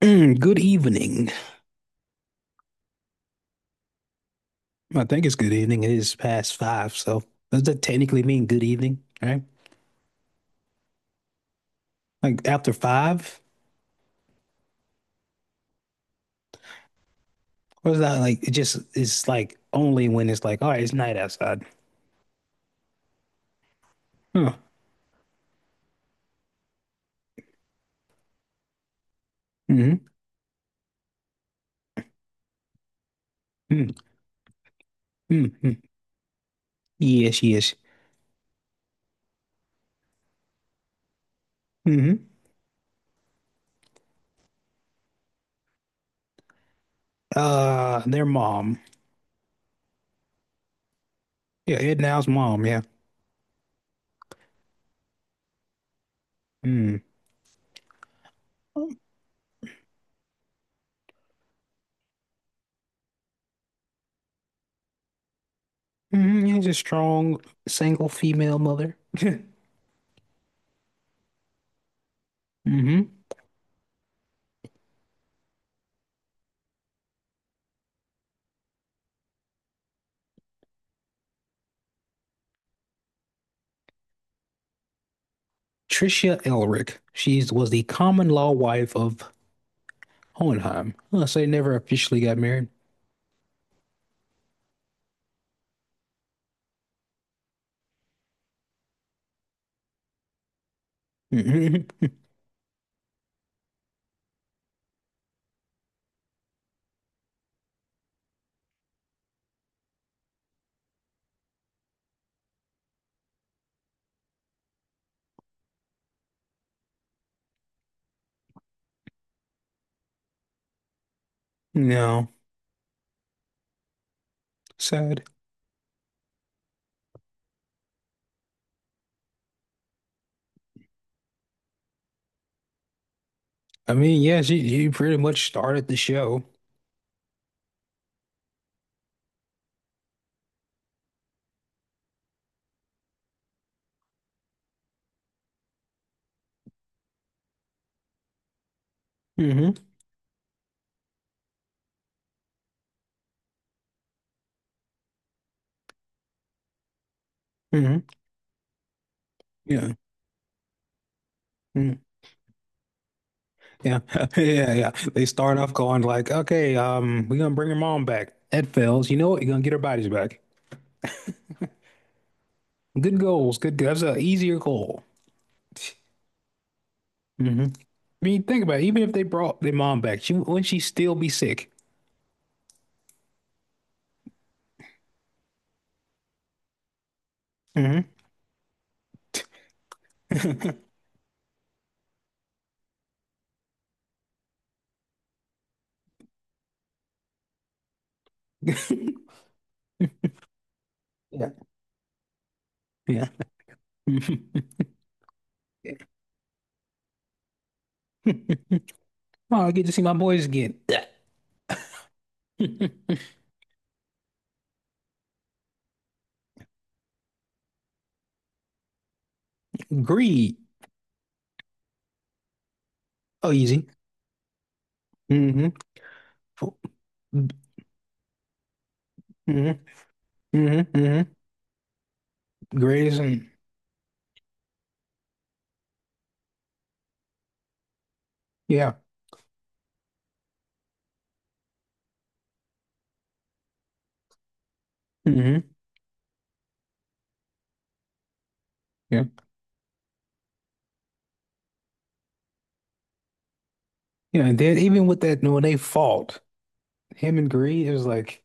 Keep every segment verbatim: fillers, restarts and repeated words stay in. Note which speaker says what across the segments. Speaker 1: Good evening. I think it's good evening. It is past five, so does that technically mean good evening, right? Like after five? Or is that like it just it's like only when it's like, all right, it's night outside. Huh. Mm-hmm. Mm-hmm. hmm Yes, yes. Mm-hmm. Uh their mom. Yeah, Ed Now's mom, yeah. Mm. Mm-hmm. Yeah, just strong single female mother. Mm-hmm. Tricia Elric. She was the common law wife of Hohenheim. Unless they never officially got married. hmm No, sad. I mean, yeah, she you pretty much started the show. hmm hmm Yeah. Mm. Yeah. Yeah, yeah. They start off going like, okay, um, we're gonna bring her mom back. That fails. You know what? You're gonna get her bodies back. Good goals. Good. goals. That's an easier goal. hmm I mean, think about it. Even if they brought their mom back, she wouldn't she still be sick? hmm Yeah. Yeah. Oh, I get to see my boys again. Greed. Oh, easy. hmm hmm hmm hmm Grays and yeah. hmm Yeah. Yeah. And then even with that when they fought, him and Gray, it was like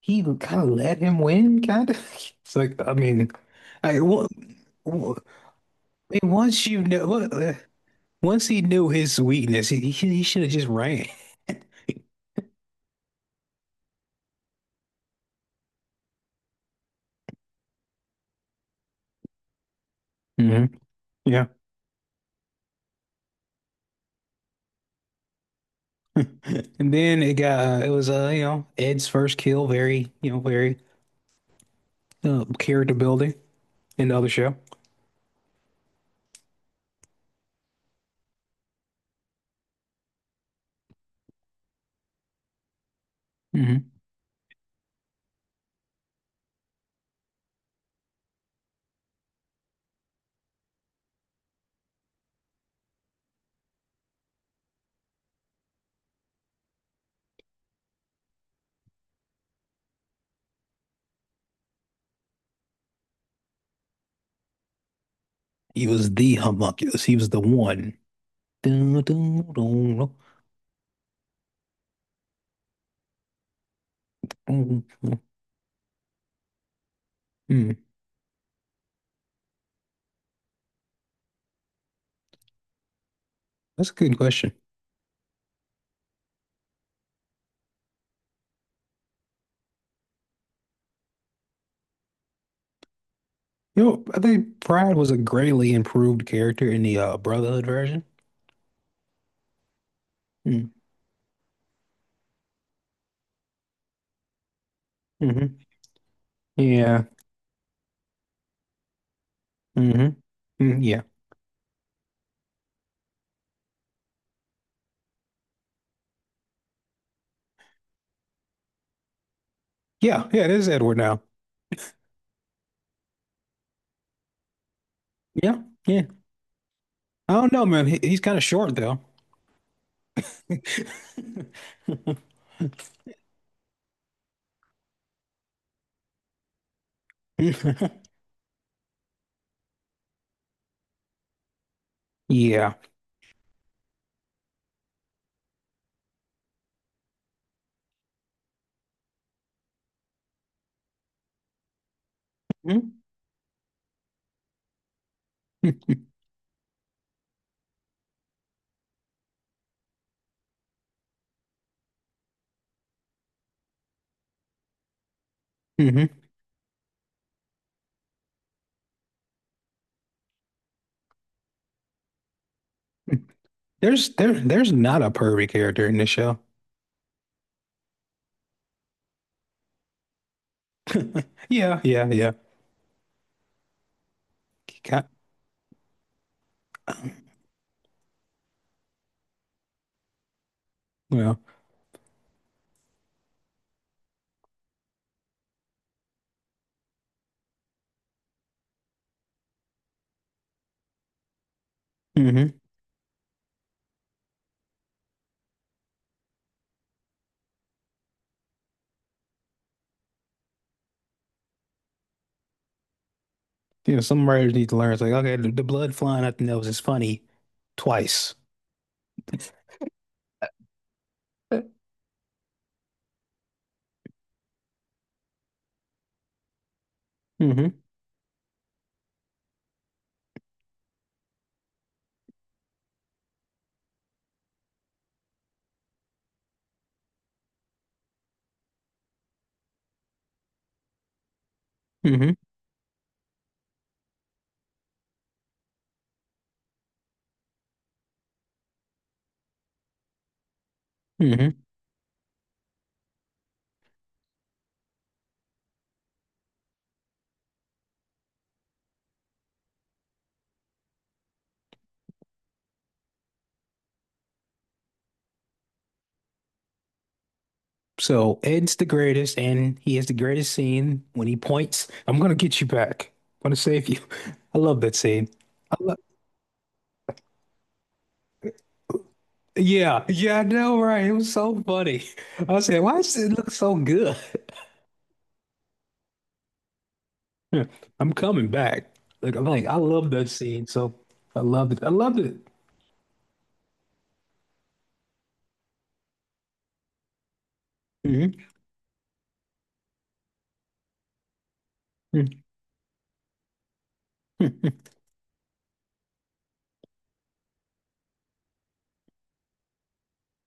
Speaker 1: he kind of let him win, kind of. It's like I mean, I well, well, I mean, once you know, what- uh, once he knew his weakness, he he, he should have just ran. hmm Yeah. And then it got it was uh you know Ed's first kill, very you know very uh, character building in the other show. He was the homunculus. He was the one. Dun, dun, dun, dun, dun, dun. Hmm. That's a good question. You know, I think Pride was a greatly improved character in the uh, Brotherhood version. Mm, hmm mm-hmm. Yeah. mm-hmm. hmm Mm, yeah. Yeah. Yeah. It is Edward now. Yeah. Yeah. I don't know, man. He, he's kind of short though. Yeah. Mm-hmm. Mm-hmm. There's there there's not a pervy character in this show. Yeah. Yeah. Yeah. Ki- ki- Well. hmm You know, some writers need to learn. It's like, okay, the, the blood flying out the nose is funny twice. hmm hmm hmm So Ed's the greatest, and he has the greatest scene when he points, I'm gonna get you back. I'm gonna save you. I love that scene. I lo yeah, yeah, I know, right? It was so funny. I said, why does it look so good? I'm coming back. Like I'm like, I love that scene. So I loved it. I loved it. hmm hmm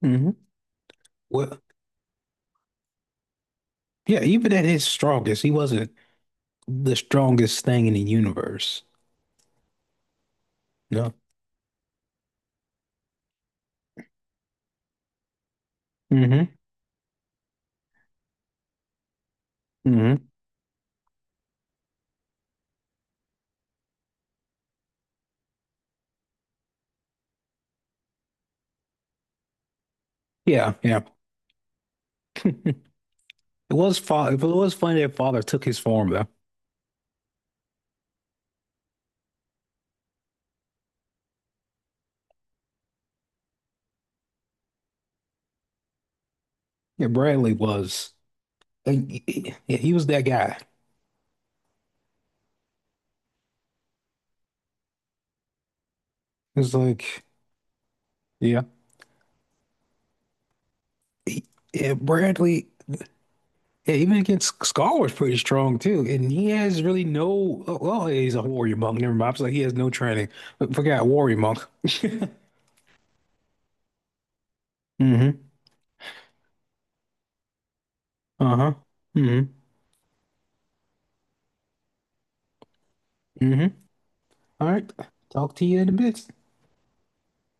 Speaker 1: hmm Well, yeah, even at his strongest, he wasn't the strongest thing in the universe. No. hmm hmm Yeah, yeah. It was fa it was funny that father took his form though. Yeah, Bradley was. uh, Yeah, he was that guy. It's like, yeah. He- yeah, Bradley, yeah, even against Scar was pretty strong too. And he has really no oh, well, he's a warrior monk. Never mind. I was like, he has no training. I Forgot warrior monk. hmm Uh-huh. hmm hmm All right. Talk to you in a bit.